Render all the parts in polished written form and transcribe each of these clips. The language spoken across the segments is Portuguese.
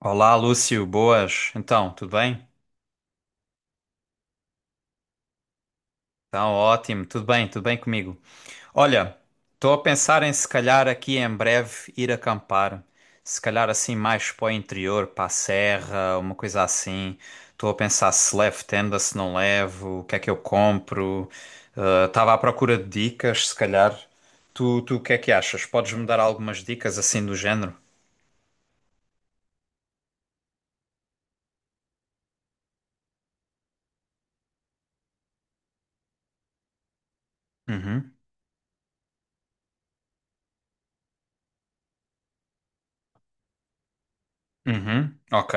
Olá, Lúcio, boas. Então, tudo bem? Então, ótimo, tudo bem comigo. Olha, estou a pensar em se calhar aqui em breve ir acampar, se calhar assim mais para o interior, para a serra, uma coisa assim. Estou a pensar se levo tenda, se não levo, o que é que eu compro. Estava à procura de dicas, se calhar. Tu o que é que achas? Podes-me dar algumas dicas assim do género? Uhum, uhum, ok.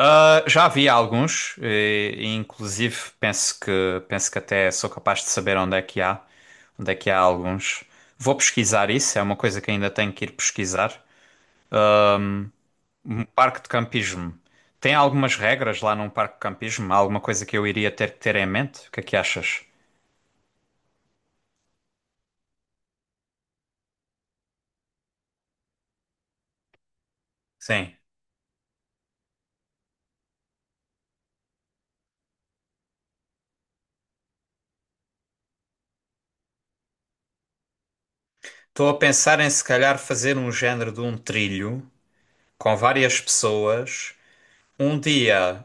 Ah, já vi alguns, e inclusive penso que até sou capaz de saber onde é que há, onde é que há alguns. Vou pesquisar isso, é uma coisa que ainda tenho que ir pesquisar. Um parque de campismo. Tem algumas regras lá num parque de campismo? Há alguma coisa que eu iria ter que ter em mente? O que é que achas? Sim. Estou a pensar em se calhar fazer um género de um trilho com várias pessoas. Um dia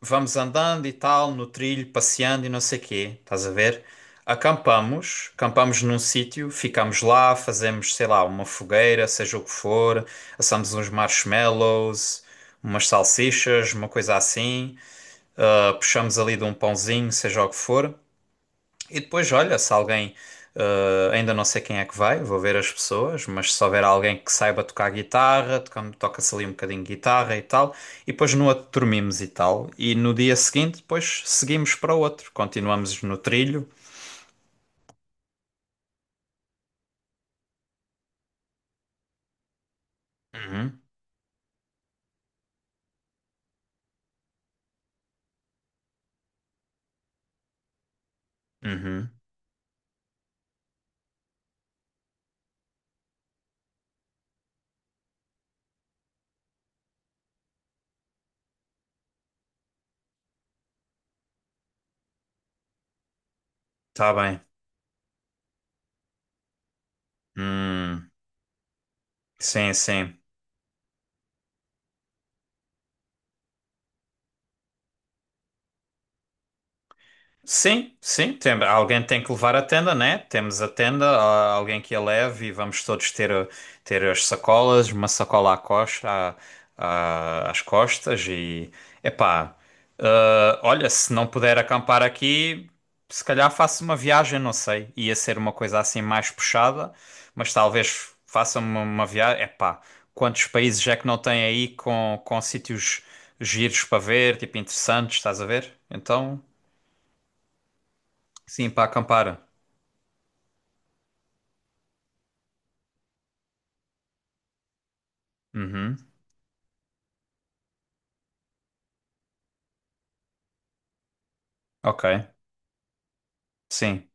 vamos andando e tal, no trilho, passeando e não sei quê, estás a ver? Acampamos, acampamos num sítio, ficamos lá, fazemos, sei lá, uma fogueira, seja o que for, assamos uns marshmallows, umas salsichas, uma coisa assim, ah, puxamos ali de um pãozinho, seja o que for. E depois, olha, se alguém, ainda não sei quem é que vai, vou ver as pessoas, mas se houver alguém que saiba tocar guitarra, toca-se ali um bocadinho de guitarra e tal, e depois no outro dormimos e tal, e no dia seguinte, depois seguimos para o outro, continuamos no trilho. Uhum, uhum, tá bem. Hum, sim, sim. Sim, sim, tem, alguém tem que levar a tenda, né? Temos a tenda, há alguém que a leve e vamos todos ter, ter as sacolas, uma sacola à costa, às costas e, epá, ah, olha, se não puder acampar aqui, se calhar faço uma viagem, não sei, ia ser uma coisa assim mais puxada, mas talvez faça uma viagem, epá, quantos países é que não tem aí com sítios giros para ver, tipo interessantes, estás a ver? Então... Sim, para acampar. Uhum. Ok. Sim.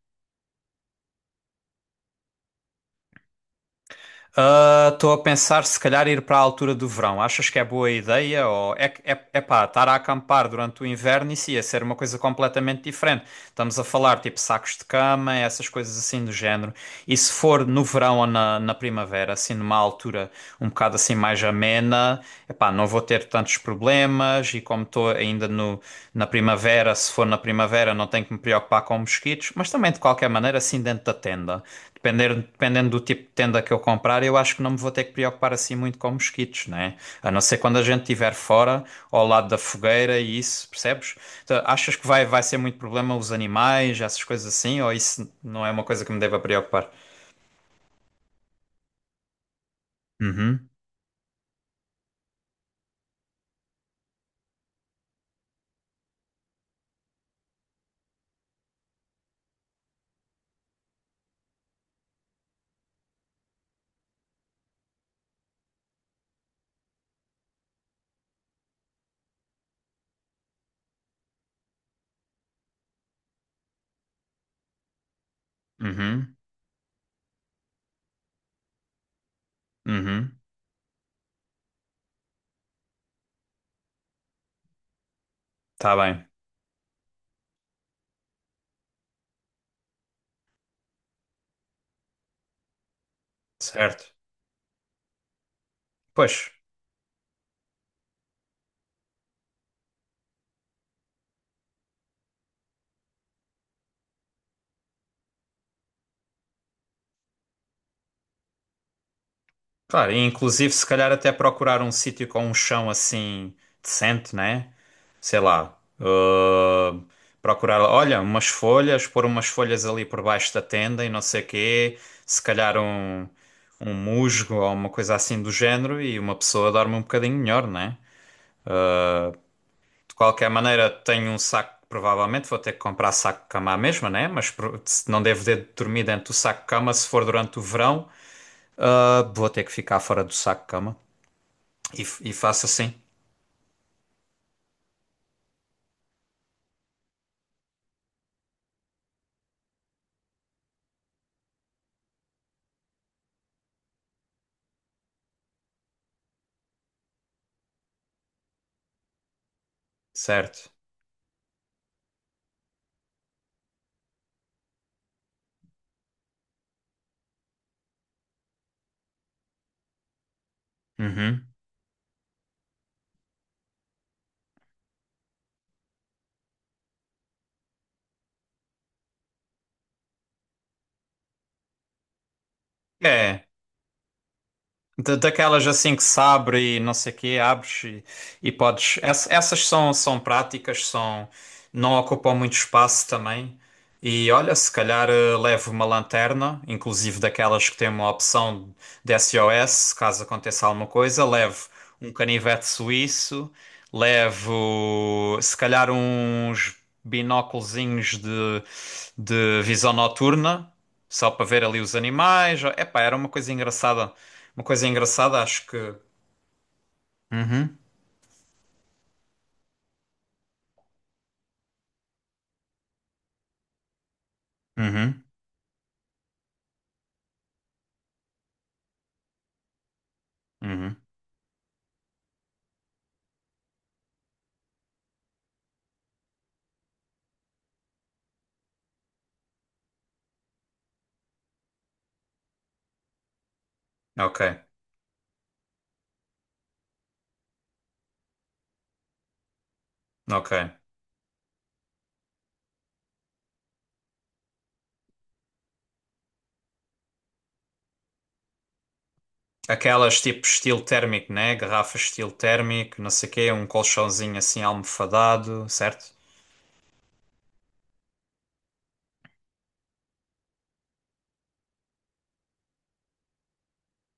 Ah, estou a pensar se calhar ir para a altura do verão. Achas que é boa ideia? Ou é, é pá, estar a acampar durante o inverno isso ia ser uma coisa completamente diferente. Estamos a falar tipo sacos de cama, essas coisas assim do género. E se for no verão ou na primavera, assim numa altura um bocado assim mais amena, epá, não vou ter tantos problemas e como estou ainda no, na primavera, se for na primavera não tenho que me preocupar com mosquitos, mas também de qualquer maneira assim dentro da tenda. Depender, dependendo do tipo de tenda que eu comprar, eu acho que não me vou ter que preocupar assim muito com mosquitos, né? A não ser quando a gente estiver fora, ao lado da fogueira e isso, percebes? Então, achas que vai ser muito problema os animais, essas coisas assim, ou isso não é uma coisa que me deva preocupar? Uhum, uhum, uhum. Tá bem. Certo. Pois, claro, e inclusive se calhar até procurar um sítio com um chão assim decente, né? Sei lá. Procurar, olha, umas folhas, pôr umas folhas ali por baixo da tenda e não sei quê. Se calhar um, um musgo ou uma coisa assim do género e uma pessoa dorme um bocadinho melhor, né? De qualquer maneira, tenho um saco, provavelmente vou ter que comprar saco de cama à mesma, né? Mas não devo ter dormir dentro do saco de cama se for durante o verão. Ah, vou ter que ficar fora do saco cama. E, e faço assim, certo? Uhum. É, daquelas assim que se abre e não sei o quê, abres e podes. Essas são, são práticas, são, não ocupam muito espaço também. E olha, se calhar levo uma lanterna, inclusive daquelas que têm uma opção de SOS, caso aconteça alguma coisa. Levo um canivete suíço, levo se calhar uns binóculozinhos de visão noturna, só para ver ali os animais. Epá, era uma coisa engraçada. Uma coisa engraçada, acho que. Uhum, uhum, uhum. Ok, ok. Aquelas tipo estilo térmico, né? Garrafas estilo térmico, não sei o quê, um colchãozinho assim almofadado, certo?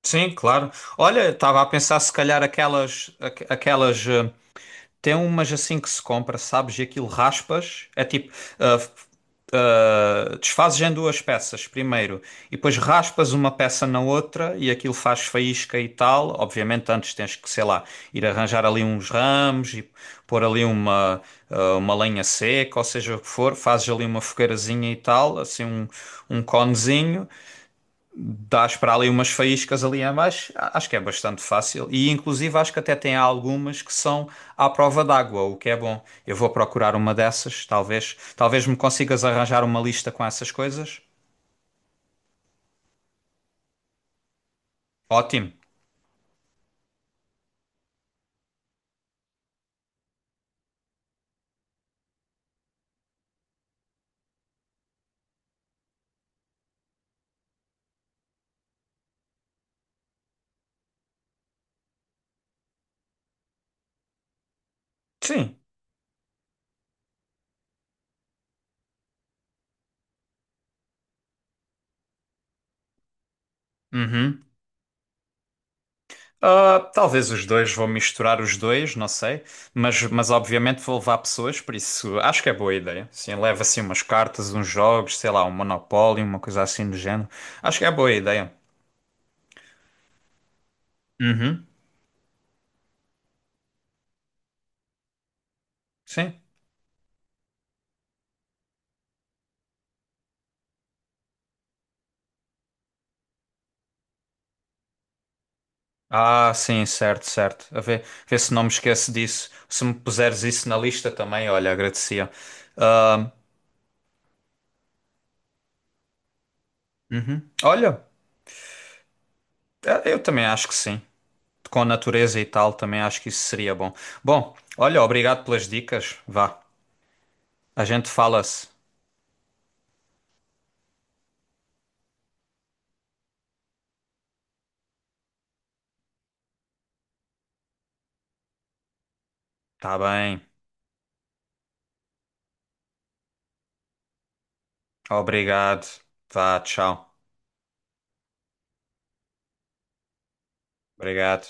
Sim, claro. Olha, estava a pensar se calhar aquelas. Tem umas assim que se compra, sabes? E aquilo raspas. É tipo. ah, f- Desfazes em duas peças primeiro e depois raspas uma peça na outra e aquilo faz faísca e tal. Obviamente, antes tens que, sei lá, ir arranjar ali uns ramos e pôr ali uma lenha seca, ou seja o que for. Fazes ali uma fogueirazinha e tal, assim um, um conezinho. Dás para ali umas faíscas ali a mais, acho que é bastante fácil. E inclusive acho que até tem algumas que são à prova d'água, o que é bom. Eu vou procurar uma dessas, talvez, talvez me consigas arranjar uma lista com essas coisas. Ótimo. Sim. Uhum. Ah, talvez os dois, vou misturar os dois, não sei, mas obviamente vou levar pessoas, por isso acho que é boa ideia. Sim, leva assim umas cartas, uns jogos, sei lá, um Monopólio, uma coisa assim do género. Acho que é boa ideia. Uhum. Sim. Ah, sim, certo, certo. A ver, ver se não me esqueço disso. Se me puseres isso na lista também, olha, agradecia. Ah, olha, eu também acho que sim. Com a natureza e tal, também acho que isso seria bom. Bom, olha, obrigado pelas dicas. Vá, a gente fala-se. Tá bem. Obrigado. Vá, tchau. Obrigado.